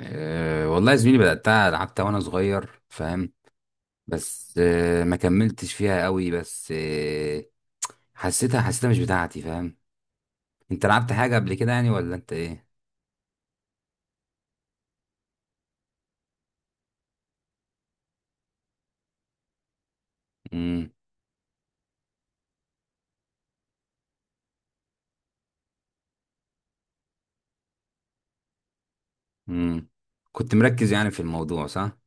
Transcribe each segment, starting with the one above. أه والله يا زميلي بدأتها لعبتها وأنا صغير، فاهم؟ بس أه، ما كملتش فيها قوي، بس أه، حسيتها مش بتاعتي، فاهم؟ أنت لعبت حاجة قبل كده يعني ولا أنت إيه؟ مم. مم. كنت مركز يعني في الموضوع، صح؟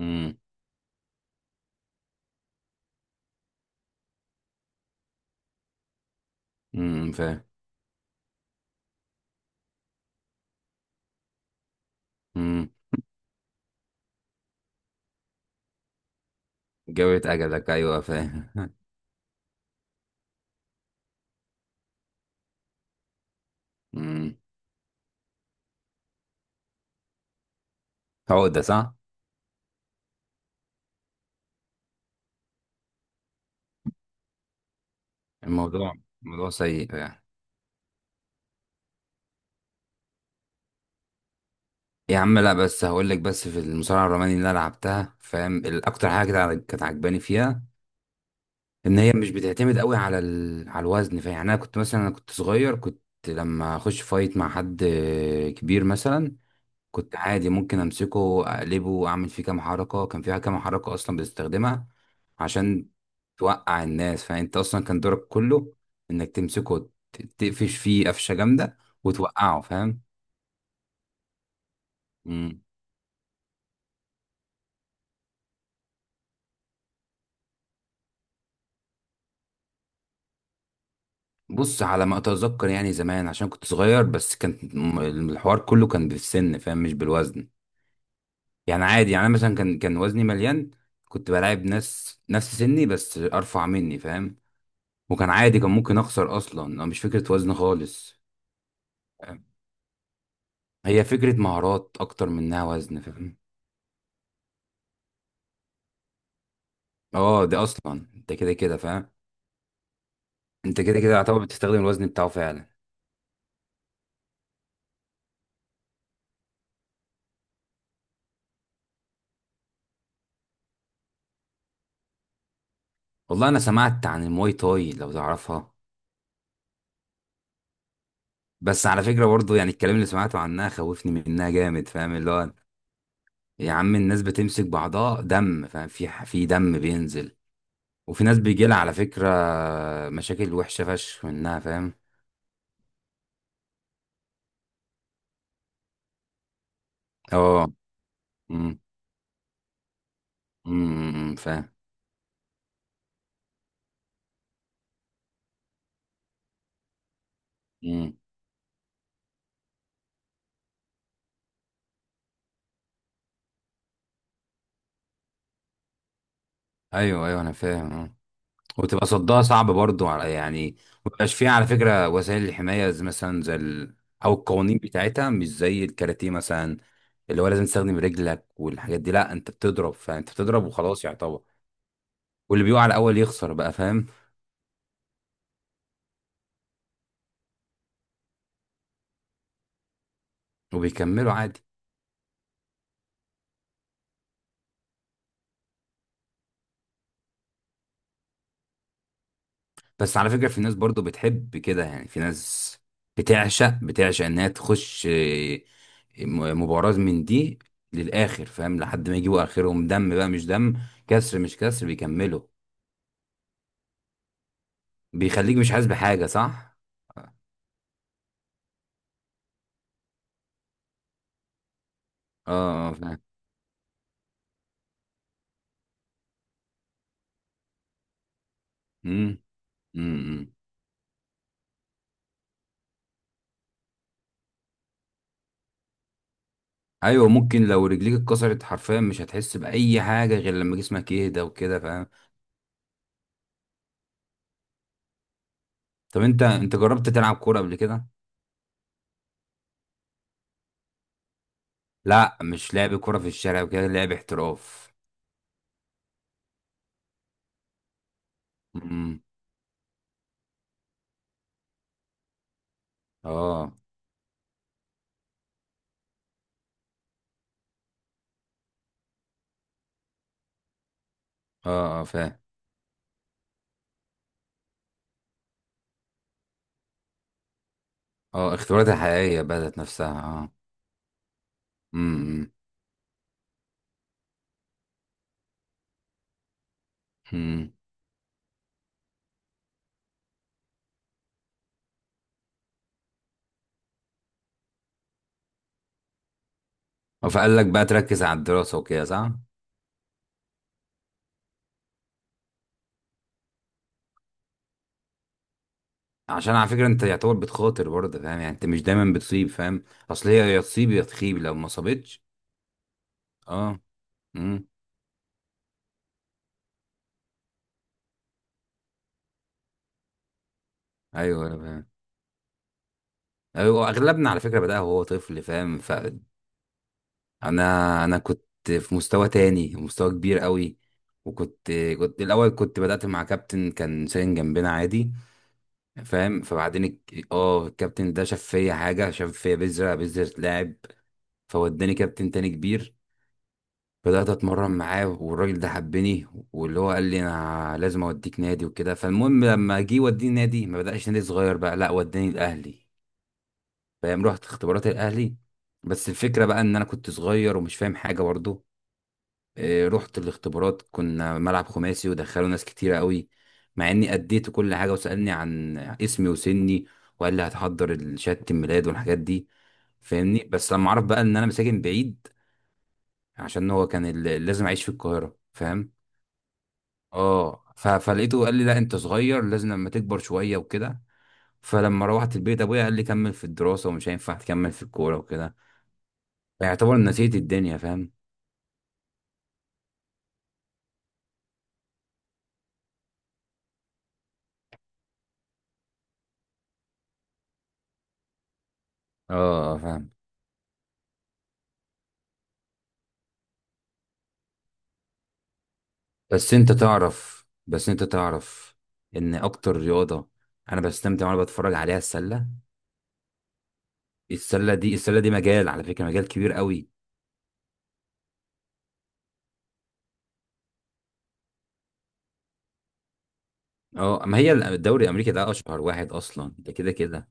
مم. مم. فاهم. مم. جويت أجلك، أيوه فاهم. مم. عقدة، صح؟ الموضوع الموضوع سيء يعني. يا عم لا، بس هقول لك، بس في المصارعة الروماني اللي أنا لعبتها، فاهم؟ الأكتر حاجة كانت عاجباني فيها ان هي مش بتعتمد قوي على على الوزن. فيعني انا كنت مثلا، انا كنت صغير، كنت لما اخش فايت مع حد كبير مثلا، كنت عادي ممكن امسكه، اقلبه، اعمل فيه كام حركه. كان فيها كام حركه اصلا بتستخدمها عشان توقع الناس، فانت اصلا كان دورك كله انك تمسكه تقفش فيه قفشه جامده وتوقعه، فاهم؟ مم. بص، على ما اتذكر يعني زمان، عشان كنت صغير، بس كان الحوار كله كان بالسن، فاهم؟ مش بالوزن. يعني عادي، يعني انا مثلا كان وزني مليان، كنت بلاعب ناس نفس سني بس ارفع مني، فاهم؟ وكان عادي، كان ممكن اخسر اصلا. أو مش فكره وزن خالص. فاهم؟ هي فكره مهارات اكتر منها وزن، فاهم؟ اه ده اصلا انت كده كده، فاهم؟ انت كده كده يعتبر بتستخدم الوزن بتاعه فعلا. والله انا سمعت عن المواي تاي، لو تعرفها. بس على فكره برضو، يعني الكلام اللي سمعته عنها خوفني منها جامد، فاهم؟ اللي هو يا عم الناس بتمسك بعضها دم، فاهم؟ في دم بينزل. وفي ناس بيجي لها على فكرة مشاكل وحشة فشخ منها، فاهم؟ اه. أمم، أمم، أمم، فاهم. أمم. ايوه ايوه، انا فاهم أه. وتبقى صدها صعب برضو على، يعني مبيبقاش فيها على فكرة وسائل الحماية زي مثلا زي او القوانين بتاعتها مش زي الكاراتيه مثلا، اللي هو لازم تستخدم رجلك والحاجات دي. لا انت بتضرب، فانت بتضرب وخلاص يعتبر. واللي بيقع الاول يخسر بقى، فاهم؟ وبيكملوا عادي. بس على فكرة في ناس برضو بتحب كده، يعني في ناس بتعشق انها تخش مباراة من دي للآخر، فاهم؟ لحد ما يجيبوا آخرهم دم بقى، مش دم، كسر مش كسر، بيكملوا. بيخليك مش حاسس بحاجة، صح؟ اه اه فاهم. مم، مم. ايوه ممكن لو رجليك اتكسرت حرفيا مش هتحس بأي حاجة غير لما جسمك يهدى وكده، فاهم؟ طب انت جربت تلعب كورة قبل كده؟ لا، مش لعب كورة في الشارع وكده، لعب احتراف. مم. اه اه اه فاهم. اه اختبارات الحقيقية بدأت نفسها اه. امم. امم. فقال لك بقى تركز على الدراسة وكده، صح؟ عشان على فكرة انت يعتبر بتخاطر برضه، فاهم؟ يعني انت مش دايما بتصيب، فاهم؟ اصل هي يا تصيب يا تخيب، لو ما صابتش. اه. امم. ايوه أنا فاهم. ايوه اغلبنا على فكرة بدأ وهو طفل، فاهم؟ فانا انا كنت في مستوى تاني، مستوى كبير قوي. وكنت كنت الاول، كنت بدأت مع كابتن كان ساكن جنبنا عادي، فاهم؟ فبعدين الكابتن ده شاف فيا حاجه، شاف فيا بذره، بذره لاعب. فوداني كابتن تاني كبير. بدات اتمرن معاه والراجل ده حبني، واللي هو قال لي انا لازم اوديك نادي وكده. فالمهم لما جه يوديني نادي ما بداش نادي صغير بقى، لا وداني الاهلي، فاهم؟ رحت اختبارات الاهلي، بس الفكره بقى ان انا كنت صغير ومش فاهم حاجه برضه. آه، رحت الاختبارات، كنا ملعب خماسي ودخلوا ناس كتيرة قوي، مع اني اديت كل حاجة. وسألني عن اسمي وسني وقال لي هتحضر شهادة الميلاد والحاجات دي، فاهمني؟ بس لما عرف بقى ان انا مساكن بعيد، عشان هو كان لازم اعيش في القاهرة، فاهم؟ اه فلقيته قال لي لا انت صغير، لازم لما تكبر شوية وكده. فلما روحت البيت ابويا قال لي كمل في الدراسة ومش هينفع تكمل في الكورة وكده. فيعتبر نسيت الدنيا، فاهم؟ اه آه، فاهم. بس انت تعرف ان اكتر رياضة انا بستمتع وانا بتفرج عليها السلة. السلة دي مجال، على فكرة مجال كبير قوي. اه ما هي الدوري الامريكي ده اشهر واحد اصلا، ده كده كده.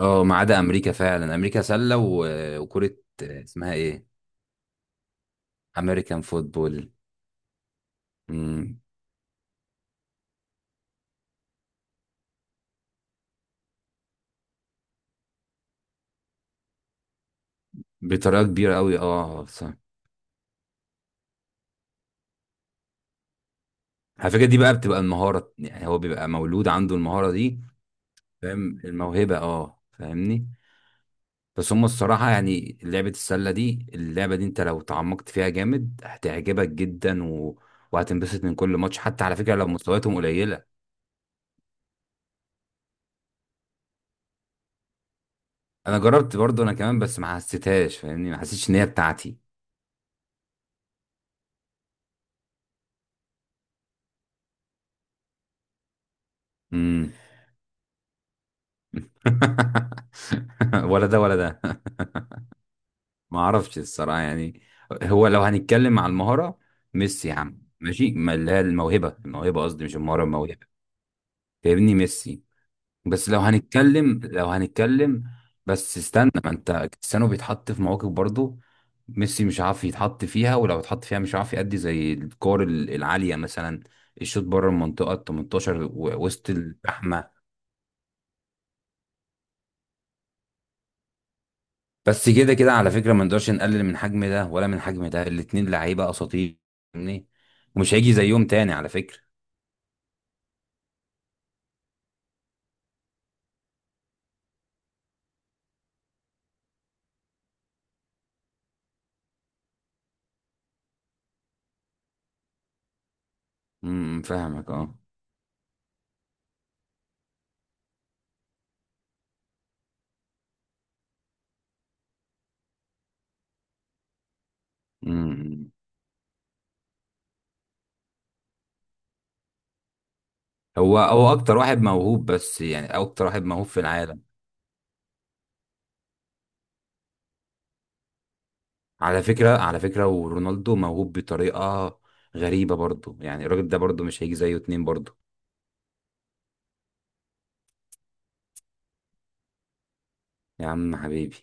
اه ما عدا امريكا، فعلا امريكا سلة وكرة. اسمها ايه؟ امريكان فوتبول. امم، بطريقة كبيرة قوي اه صح. على فكرة دي بقى بتبقى المهارة، يعني هو بيبقى مولود عنده المهارة دي، فاهم؟ الموهبة اه، فاهمني؟ بس هم الصراحة يعني لعبة السلة دي، اللعبة دي انت لو تعمقت فيها جامد هتعجبك جدا، وهتنبسط من كل ماتش حتى على فكرة لو مستوياتهم قليلة. انا جربت برضو انا كمان، بس ما حسيتهاش، فاهمني؟ ما حسيتش ان هي بتاعتي. امم. ولا ده ولا ده. ما اعرفش الصراحة يعني. هو لو هنتكلم على المهارة، ميسي يا عم ماشي. ما اللي هي الموهبة، الموهبة قصدي مش المهارة، الموهبة، فاهمني؟ ميسي. بس لو هنتكلم، بس استنى، ما انت كريستيانو بيتحط في مواقف برضه، ميسي مش عارف يتحط فيها، ولو اتحط فيها مش عارف يأدي زي الكور العالية مثلا، الشوط بره المنطقة ال 18 وسط الزحمة. بس كده كده على فكرة ما نقدرش نقلل من حجم ده ولا من حجم ده، الاتنين لعيبة أساطير، فاهمني؟ ومش هيجي زيهم تاني على فكرة. فاهمك اه. امم. هو أكتر واحد موهوب، بس يعني أكتر واحد موهوب في العالم. على فكرة ورونالدو موهوب بطريقة غريبة برضه، يعني الراجل ده برضه مش هيجي زيه اتنين برضه. يا عم حبيبي.